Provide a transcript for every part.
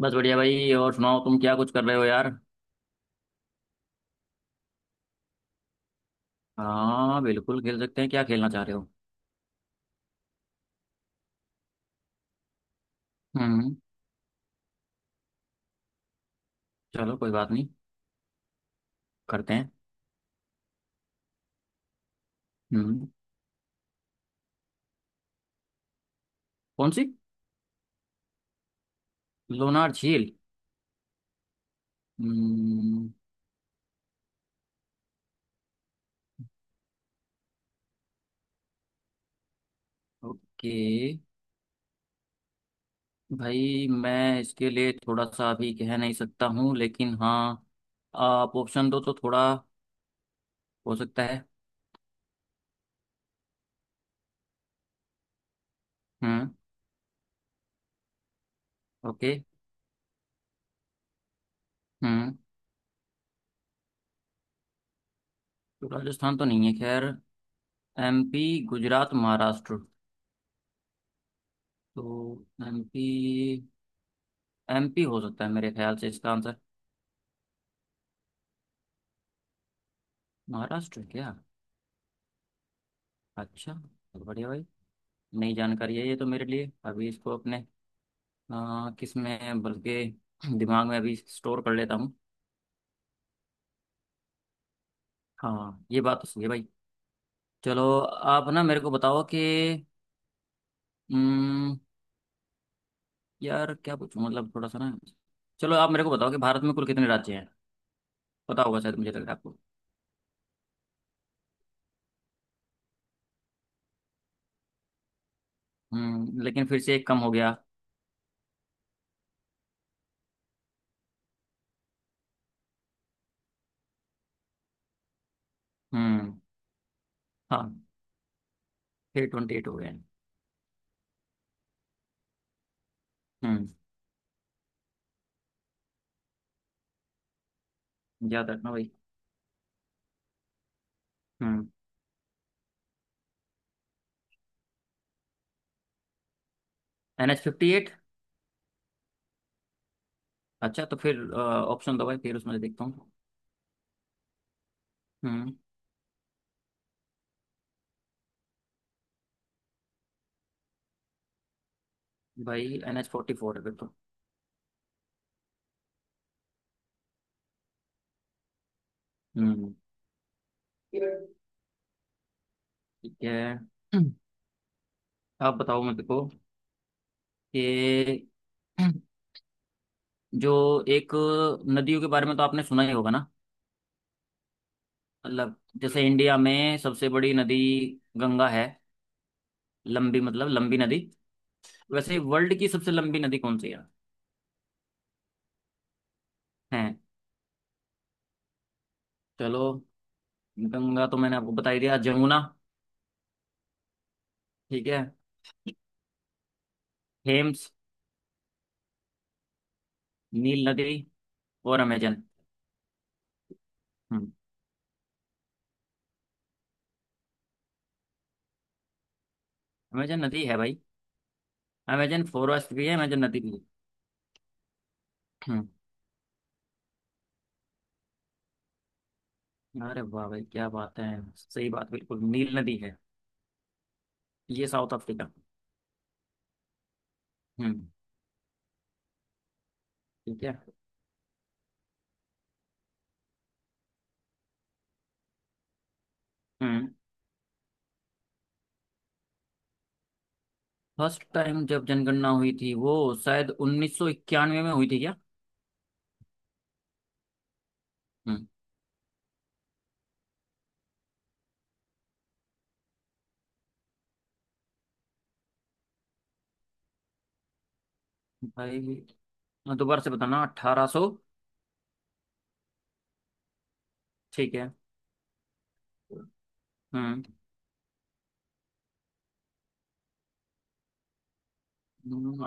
बस बढ़िया भाई। और सुनाओ तुम क्या कुछ कर रहे हो यार। हाँ, बिल्कुल खेल सकते हैं। क्या खेलना चाह रहे हो? हम्म। चलो, कोई बात नहीं, करते हैं। हम्म। कौन सी? लोनार झील। हम्म। ओके। भाई मैं इसके लिए थोड़ा सा अभी कह नहीं सकता हूँ, लेकिन हाँ, आप ऑप्शन दो तो थोड़ा हो सकता है। हम्म। ओके। हम्म। तो राजस्थान तो नहीं है, खैर। एमपी, गुजरात, महाराष्ट्र। तो एमपी, एमपी हो सकता है मेरे ख्याल से इसका आंसर। महाराष्ट्र क्या! अच्छा, बहुत बढ़िया भाई। नई जानकारी है ये तो मेरे लिए। अभी इसको अपने किस में बल्कि दिमाग में अभी स्टोर कर लेता हूँ। हाँ, ये बात तो सही है भाई। चलो आप ना मेरे को बताओ कि, हम्म, यार क्या पूछूं? मतलब थोड़ा सा ना। चलो आप मेरे को बताओ कि भारत में कुल कितने राज्य हैं। पता होगा शायद, मुझे लग रहा है आपको। हम्म, लेकिन फिर से एक कम हो गया। हम्म। हाँ, फिर 28 हो गए हैं। हम्म। याद रखना भाई। हम्म। NH 58। अच्छा, तो फिर ऑप्शन दो भाई फिर उसमें से देखता हूँ। हम्म। भाई NH 44 है फिर तो। हम्म। ठीक है। आप बताओ मेरे को कि जो एक नदियों के बारे में तो आपने सुना ही होगा ना। मतलब जैसे इंडिया में सबसे बड़ी नदी गंगा है। लंबी, मतलब लंबी नदी। वैसे वर्ल्ड की सबसे लंबी नदी कौन सी है? है, चलो। गंगा तो मैंने आपको बता ही दिया। जमुना, ठीक है, थेम्स, नील नदी और अमेजन। हम्म। अमेजन नदी है भाई। अमेजन फॉरेस्ट भी है, अमेजन नदी भी है। हम्म। अरे वाह भाई, क्या बात है! सही बात, बिल्कुल नील नदी है। ये साउथ अफ्रीका। हम्म। ठीक है। हम्म। फर्स्ट टाइम जब जनगणना हुई थी, वो शायद 1991 में हुई थी क्या? हम्म। भाई दोबारा से बताना। 1800, ठीक है। हम्म।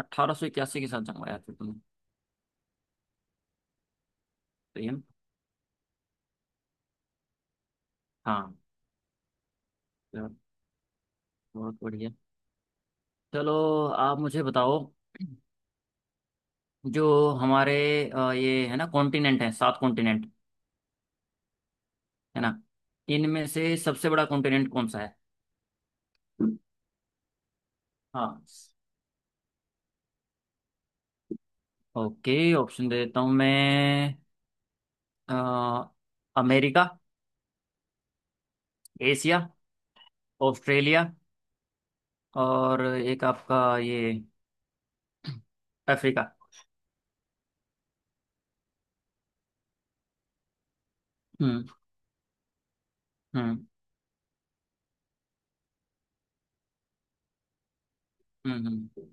1881 के साथ जन्माया था तुमने। सही है ना? हाँ। चलो, बहुत बढ़िया। चलो आप मुझे बताओ। जो हमारे ये है ना, कॉन्टिनेंट है, 7 कॉन्टिनेंट। है ना? इनमें से सबसे बड़ा कॉन्टिनेंट कौन सा है? हाँ। ओके, ऑप्शन दे देता हूँ मैं। अ, अमेरिका, एशिया, ऑस्ट्रेलिया और एक आपका ये अफ्रीका। हम्म, हम्म, हम्म,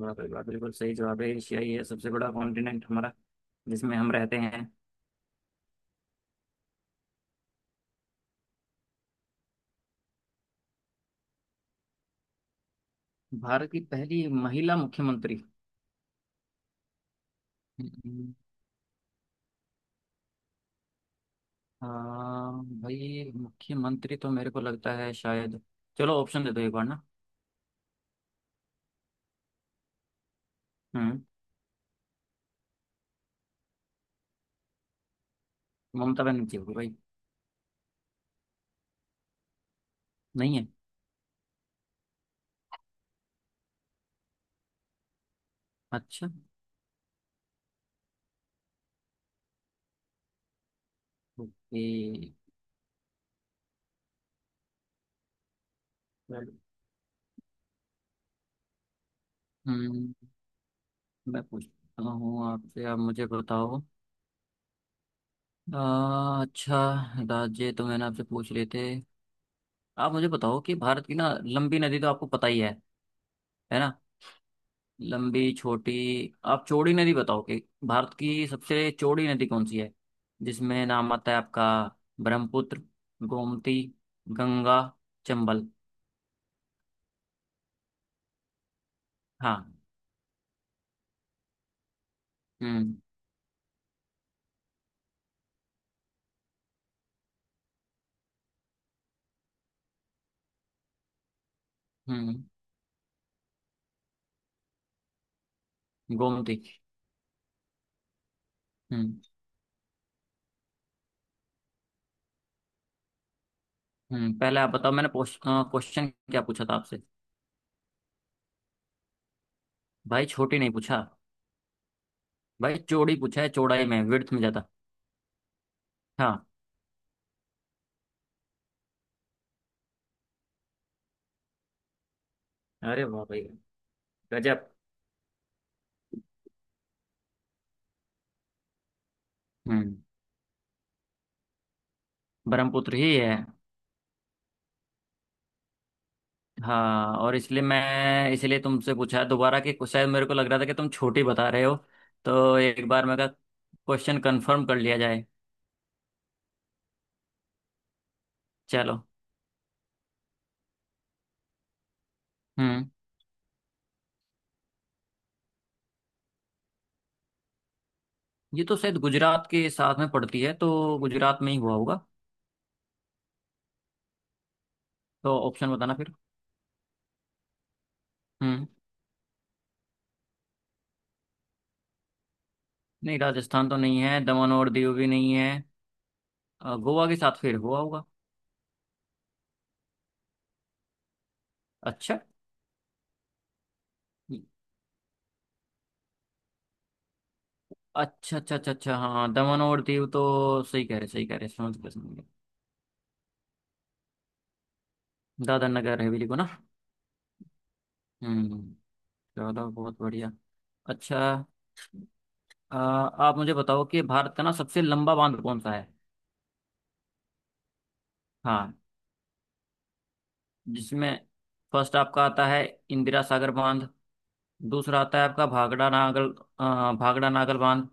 वाह भाई वाह, बिल्कुल सही जवाब है। एशिया ही है सबसे बड़ा कॉन्टिनेंट हमारा, जिसमें हम रहते हैं। भारत की पहली महिला मुख्यमंत्री। हम्म। अ, भाई मुख्यमंत्री तो मेरे को लगता है शायद, चलो ऑप्शन दे दो एक बार ना। हम्म। ममता बनर्जी होगी भाई। नहीं है? अच्छा। ओके। हम्म। मैं पूछता हूँ आपसे, आप मुझे बताओ। अच्छा, राज्य तो मैंने आपसे पूछ लिए थे। आप मुझे बताओ कि भारत की ना लंबी नदी तो आपको पता ही है ना? लंबी, छोटी। आप चौड़ी नदी बताओ कि भारत की सबसे चौड़ी नदी कौन सी है, जिसमें नाम आता है आपका। ब्रह्मपुत्र, गोमती, गंगा, चंबल। हाँ। हम्म, हम्म, गोमती। हम्म। हम्म, पहले आप बताओ, मैंने क्वेश्चन क्या पूछा था आपसे? भाई छोटी नहीं पूछा। भाई चौड़ी पूछा है, चौड़ाई में, विड्थ में ज्यादा। हाँ। अरे वाह भाई, गजब। हम्म। ब्रह्मपुत्र ही है। हाँ, और इसलिए मैं, इसलिए तुमसे पूछा है दोबारा, कि शायद मेरे को लग रहा था कि तुम छोटी बता रहे हो। तो एक बार मैं कहा, क्वेश्चन कंफर्म कर लिया जाए। चलो। हम्म। ये तो शायद गुजरात के साथ में पड़ती है, तो गुजरात में ही हुआ होगा। तो ऑप्शन बताना फिर। हम्म। नहीं, राजस्थान तो नहीं है, दमन और दीव भी नहीं है। गोवा के साथ फिर हुआ होगा। अच्छा, अच्छा, अच्छा, अच्छा, अच्छा, हाँ, दमन और दीव, तो सही कह रहे, सही कह रहे, समझ गया, समझ गया। दादर नगर हवेली को ना। हम्म। चलो, बहुत बढ़िया। अच्छा, आप मुझे बताओ कि भारत का ना सबसे लंबा बांध कौन सा है। हाँ, जिसमें फर्स्ट आपका आता है, इंदिरा सागर बांध। दूसरा आता है आपका भागड़ा नागल, भागड़ा नागल बांध।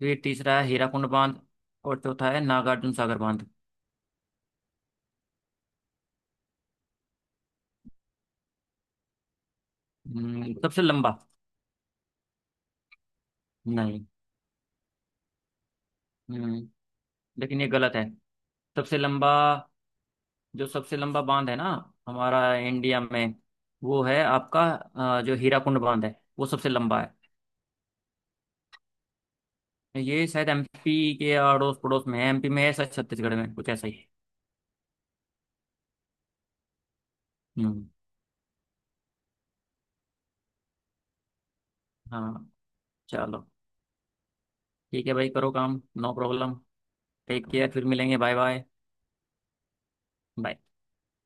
फिर तीसरा है हीराकुंड बांध और चौथा है नागार्जुन सागर बांध। सबसे लंबा। नहीं। हम्म, लेकिन ये गलत है। सबसे लंबा, जो सबसे लंबा बांध है ना हमारा इंडिया में, वो है आपका जो हीराकुंड बांध है, वो सबसे लंबा है। ये शायद एमपी के अड़ोस पड़ोस में है, एमपी में है, शायद छत्तीसगढ़ में, कुछ ऐसा ही है। हम्म। हाँ। चलो ठीक है भाई, करो काम, नो प्रॉब्लम। टेक केयर, फिर मिलेंगे, बाय बाय। बाय।